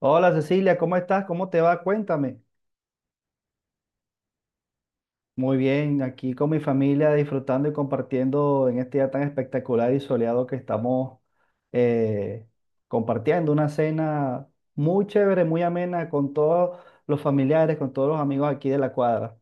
Hola Cecilia, ¿cómo estás? ¿Cómo te va? Cuéntame. Muy bien, aquí con mi familia disfrutando y compartiendo en este día tan espectacular y soleado que estamos eh, compartiendo una cena muy chévere, muy amena con todos los familiares, con todos los amigos aquí de la cuadra.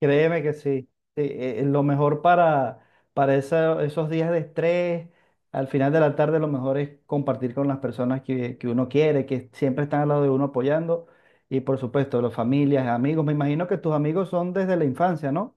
Créeme que sí. Sí, lo mejor para esos días de estrés, al final de la tarde, lo mejor es compartir con las personas que uno quiere, que siempre están al lado de uno apoyando. Y por supuesto, las familias, amigos. Me imagino que tus amigos son desde la infancia, ¿no?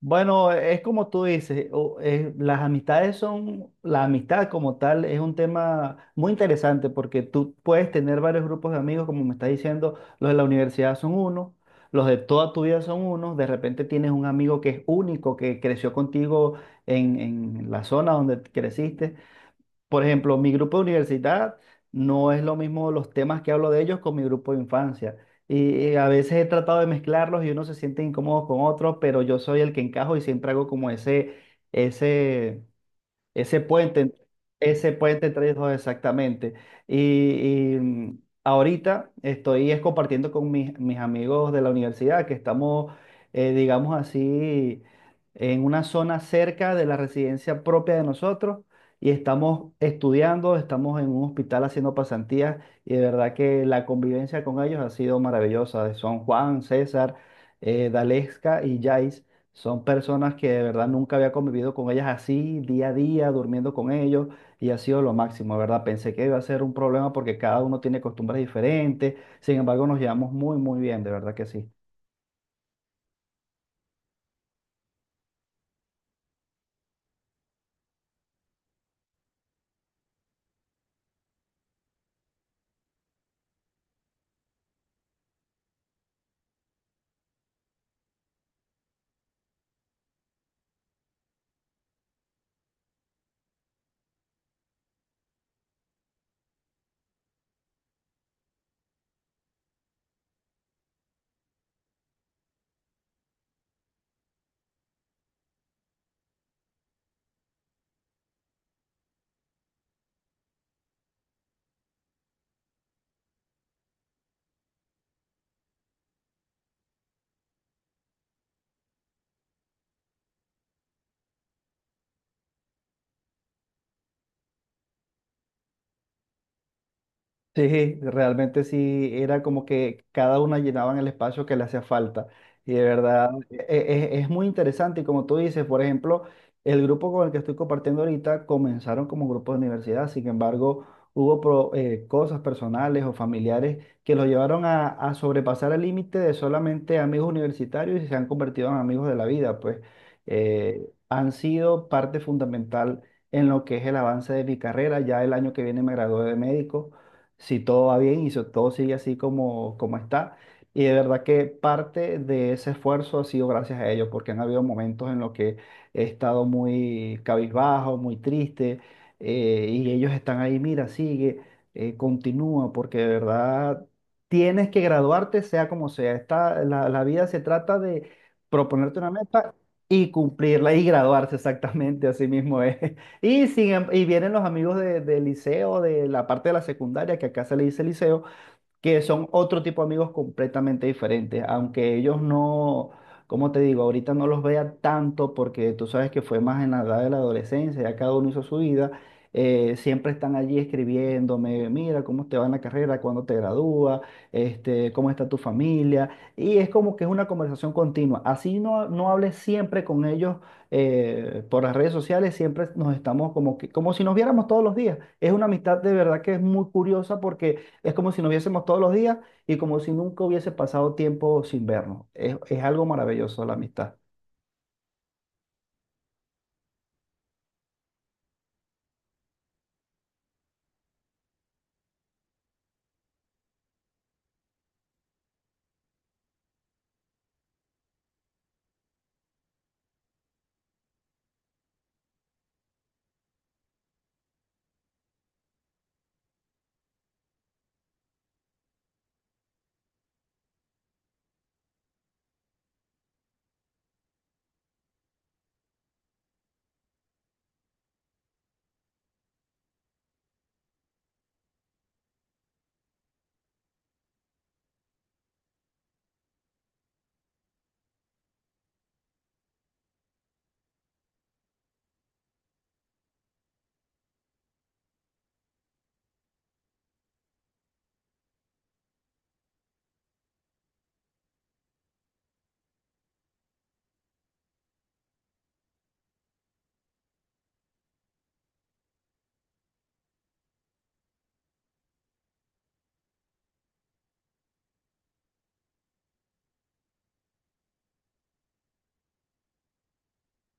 Bueno, es como tú dices, las amistades son, la amistad como tal es un tema muy interesante porque tú puedes tener varios grupos de amigos, como me estás diciendo, los de la universidad son uno, los de toda tu vida son unos, de repente tienes un amigo que es único, que creció contigo en la zona donde creciste. Por ejemplo, mi grupo de universidad no es lo mismo los temas que hablo de ellos con mi grupo de infancia. Y a veces he tratado de mezclarlos y uno se siente incómodo con otros, pero yo soy el que encajo y siempre hago como ese, ese puente, ese puente entre ellos dos, exactamente. Ahorita estoy es compartiendo con mis amigos de la universidad que estamos, digamos así, en una zona cerca de la residencia propia de nosotros y estamos estudiando, estamos en un hospital haciendo pasantías, y de verdad que la convivencia con ellos ha sido maravillosa. Son Juan, César, Dalesca y Jais. Son personas que de verdad nunca había convivido con ellas así, día a día, durmiendo con ellos, y ha sido lo máximo, de ¿verdad? Pensé que iba a ser un problema porque cada uno tiene costumbres diferentes, sin embargo nos llevamos muy, muy bien, de verdad que sí. Sí, realmente sí, era como que cada una llenaban el espacio que le hacía falta. Y de verdad, es muy interesante. Y como tú dices, por ejemplo, el grupo con el que estoy compartiendo ahorita comenzaron como un grupo de universidad. Sin embargo, hubo cosas personales o familiares que los llevaron a sobrepasar el límite de solamente amigos universitarios y se han convertido en amigos de la vida. Pues han sido parte fundamental en lo que es el avance de mi carrera. Ya el año que viene me gradué de médico si todo va bien y si todo sigue así como está. Y de verdad que parte de ese esfuerzo ha sido gracias a ellos, porque han habido momentos en los que he estado muy cabizbajo, muy triste, y ellos están ahí, mira, sigue, continúa, porque de verdad tienes que graduarte sea como sea. La vida se trata de proponerte una meta y cumplirla y graduarse, exactamente, así mismo es. Y, sin em- Y vienen los amigos del liceo, de la parte de la secundaria, que acá se le dice liceo, que son otro tipo de amigos completamente diferentes. Aunque ellos no, como te digo, ahorita no los vea tanto porque tú sabes que fue más en la edad de la adolescencia, ya cada uno hizo su vida, siempre están allí escribiéndome, mira, cómo te va en la carrera, cuándo te gradúas, este, cómo está tu familia, y es como que es una conversación continua, así no hables siempre con ellos por las redes sociales, siempre nos estamos como que, como si nos viéramos todos los días. Es una amistad de verdad que es muy curiosa, porque es como si nos viésemos todos los días y como si nunca hubiese pasado tiempo sin vernos. Es algo maravilloso la amistad.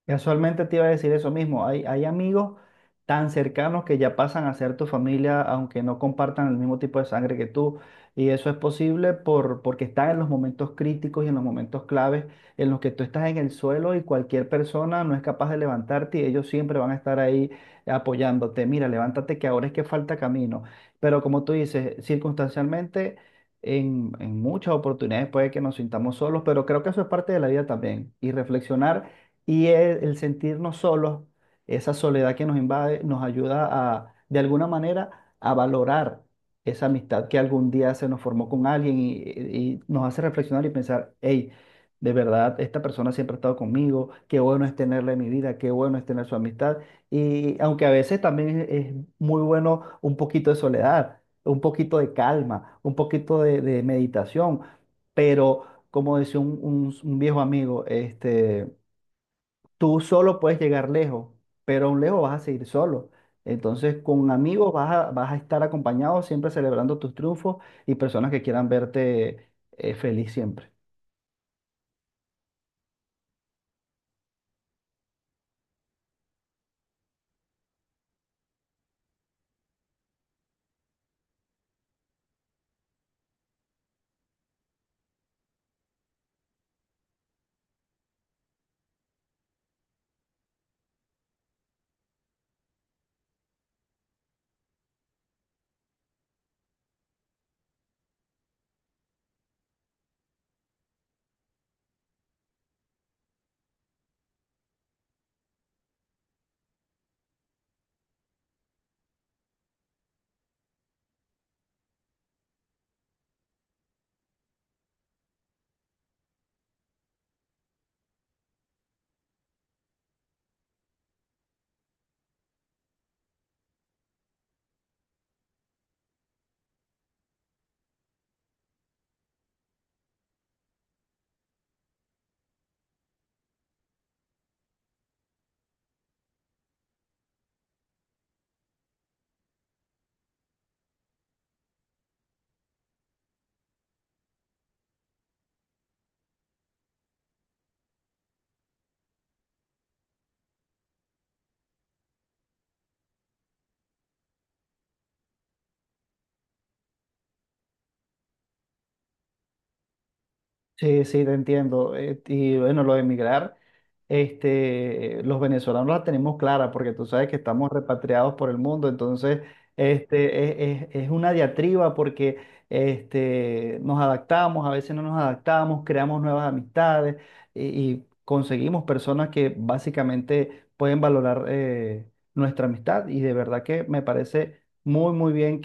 Casualmente te iba a decir eso mismo. Hay amigos tan cercanos que ya pasan a ser tu familia, aunque no compartan el mismo tipo de sangre que tú. Y eso es posible porque están en los momentos críticos y en los momentos claves en los que tú estás en el suelo y cualquier persona no es capaz de levantarte, y ellos siempre van a estar ahí apoyándote. Mira, levántate que ahora es que falta camino. Pero como tú dices, circunstancialmente, en muchas oportunidades puede que nos sintamos solos, pero creo que eso es parte de la vida también. Y reflexionar. Y el sentirnos solos, esa soledad que nos invade, nos ayuda a, de alguna manera, a valorar esa amistad que algún día se nos formó con alguien, y nos hace reflexionar y pensar, hey, de verdad, esta persona siempre ha estado conmigo, qué bueno es tenerla en mi vida, qué bueno es tener su amistad. Y aunque a veces también es muy bueno un poquito de soledad, un poquito de calma, un poquito de meditación, pero como decía un viejo amigo, este... Tú solo puedes llegar lejos, pero aún lejos vas a seguir solo. Entonces, con amigos vas a estar acompañado, siempre celebrando tus triunfos y personas que quieran verte feliz siempre. Sí, sí, te entiendo. Y bueno, lo de emigrar, este, los venezolanos la tenemos clara porque tú sabes que estamos repatriados por el mundo. Entonces este, es una diatriba porque este, nos adaptamos, a veces no nos adaptamos, creamos nuevas amistades y, y conseguimos personas que básicamente pueden valorar nuestra amistad, y de verdad que me parece muy, muy bien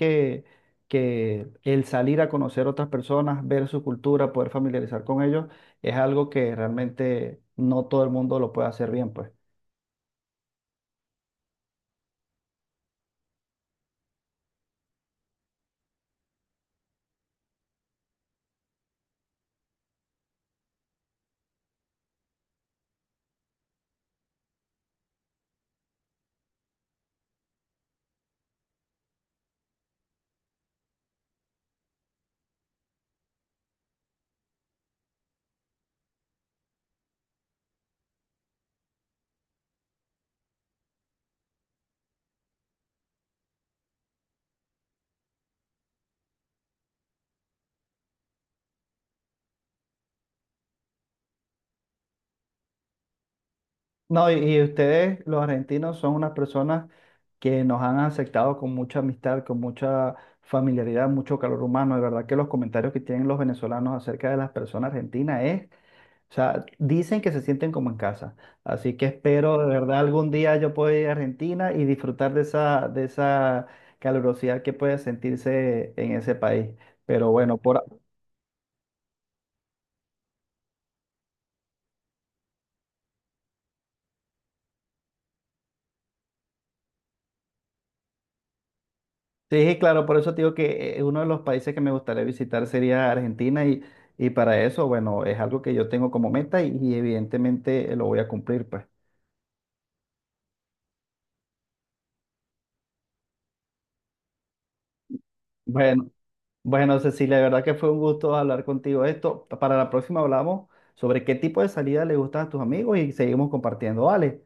que el salir a conocer otras personas, ver su cultura, poder familiarizar con ellos, es algo que realmente no todo el mundo lo puede hacer bien, pues. No, y ustedes, los argentinos, son unas personas que nos han aceptado con mucha amistad, con mucha familiaridad, mucho calor humano. De verdad que los comentarios que tienen los venezolanos acerca de las personas argentinas es, o sea, dicen que se sienten como en casa. Así que espero de verdad algún día yo pueda ir a Argentina y disfrutar de de esa calurosidad que puede sentirse en ese país. Pero bueno, sí, claro, por eso te digo que uno de los países que me gustaría visitar sería Argentina, y para eso, bueno, es algo que yo tengo como meta y evidentemente lo voy a cumplir, pues. Bueno. Bueno, Cecilia, de verdad que fue un gusto hablar contigo de esto. Para la próxima hablamos sobre qué tipo de salida le gustan a tus amigos y seguimos compartiendo. Vale.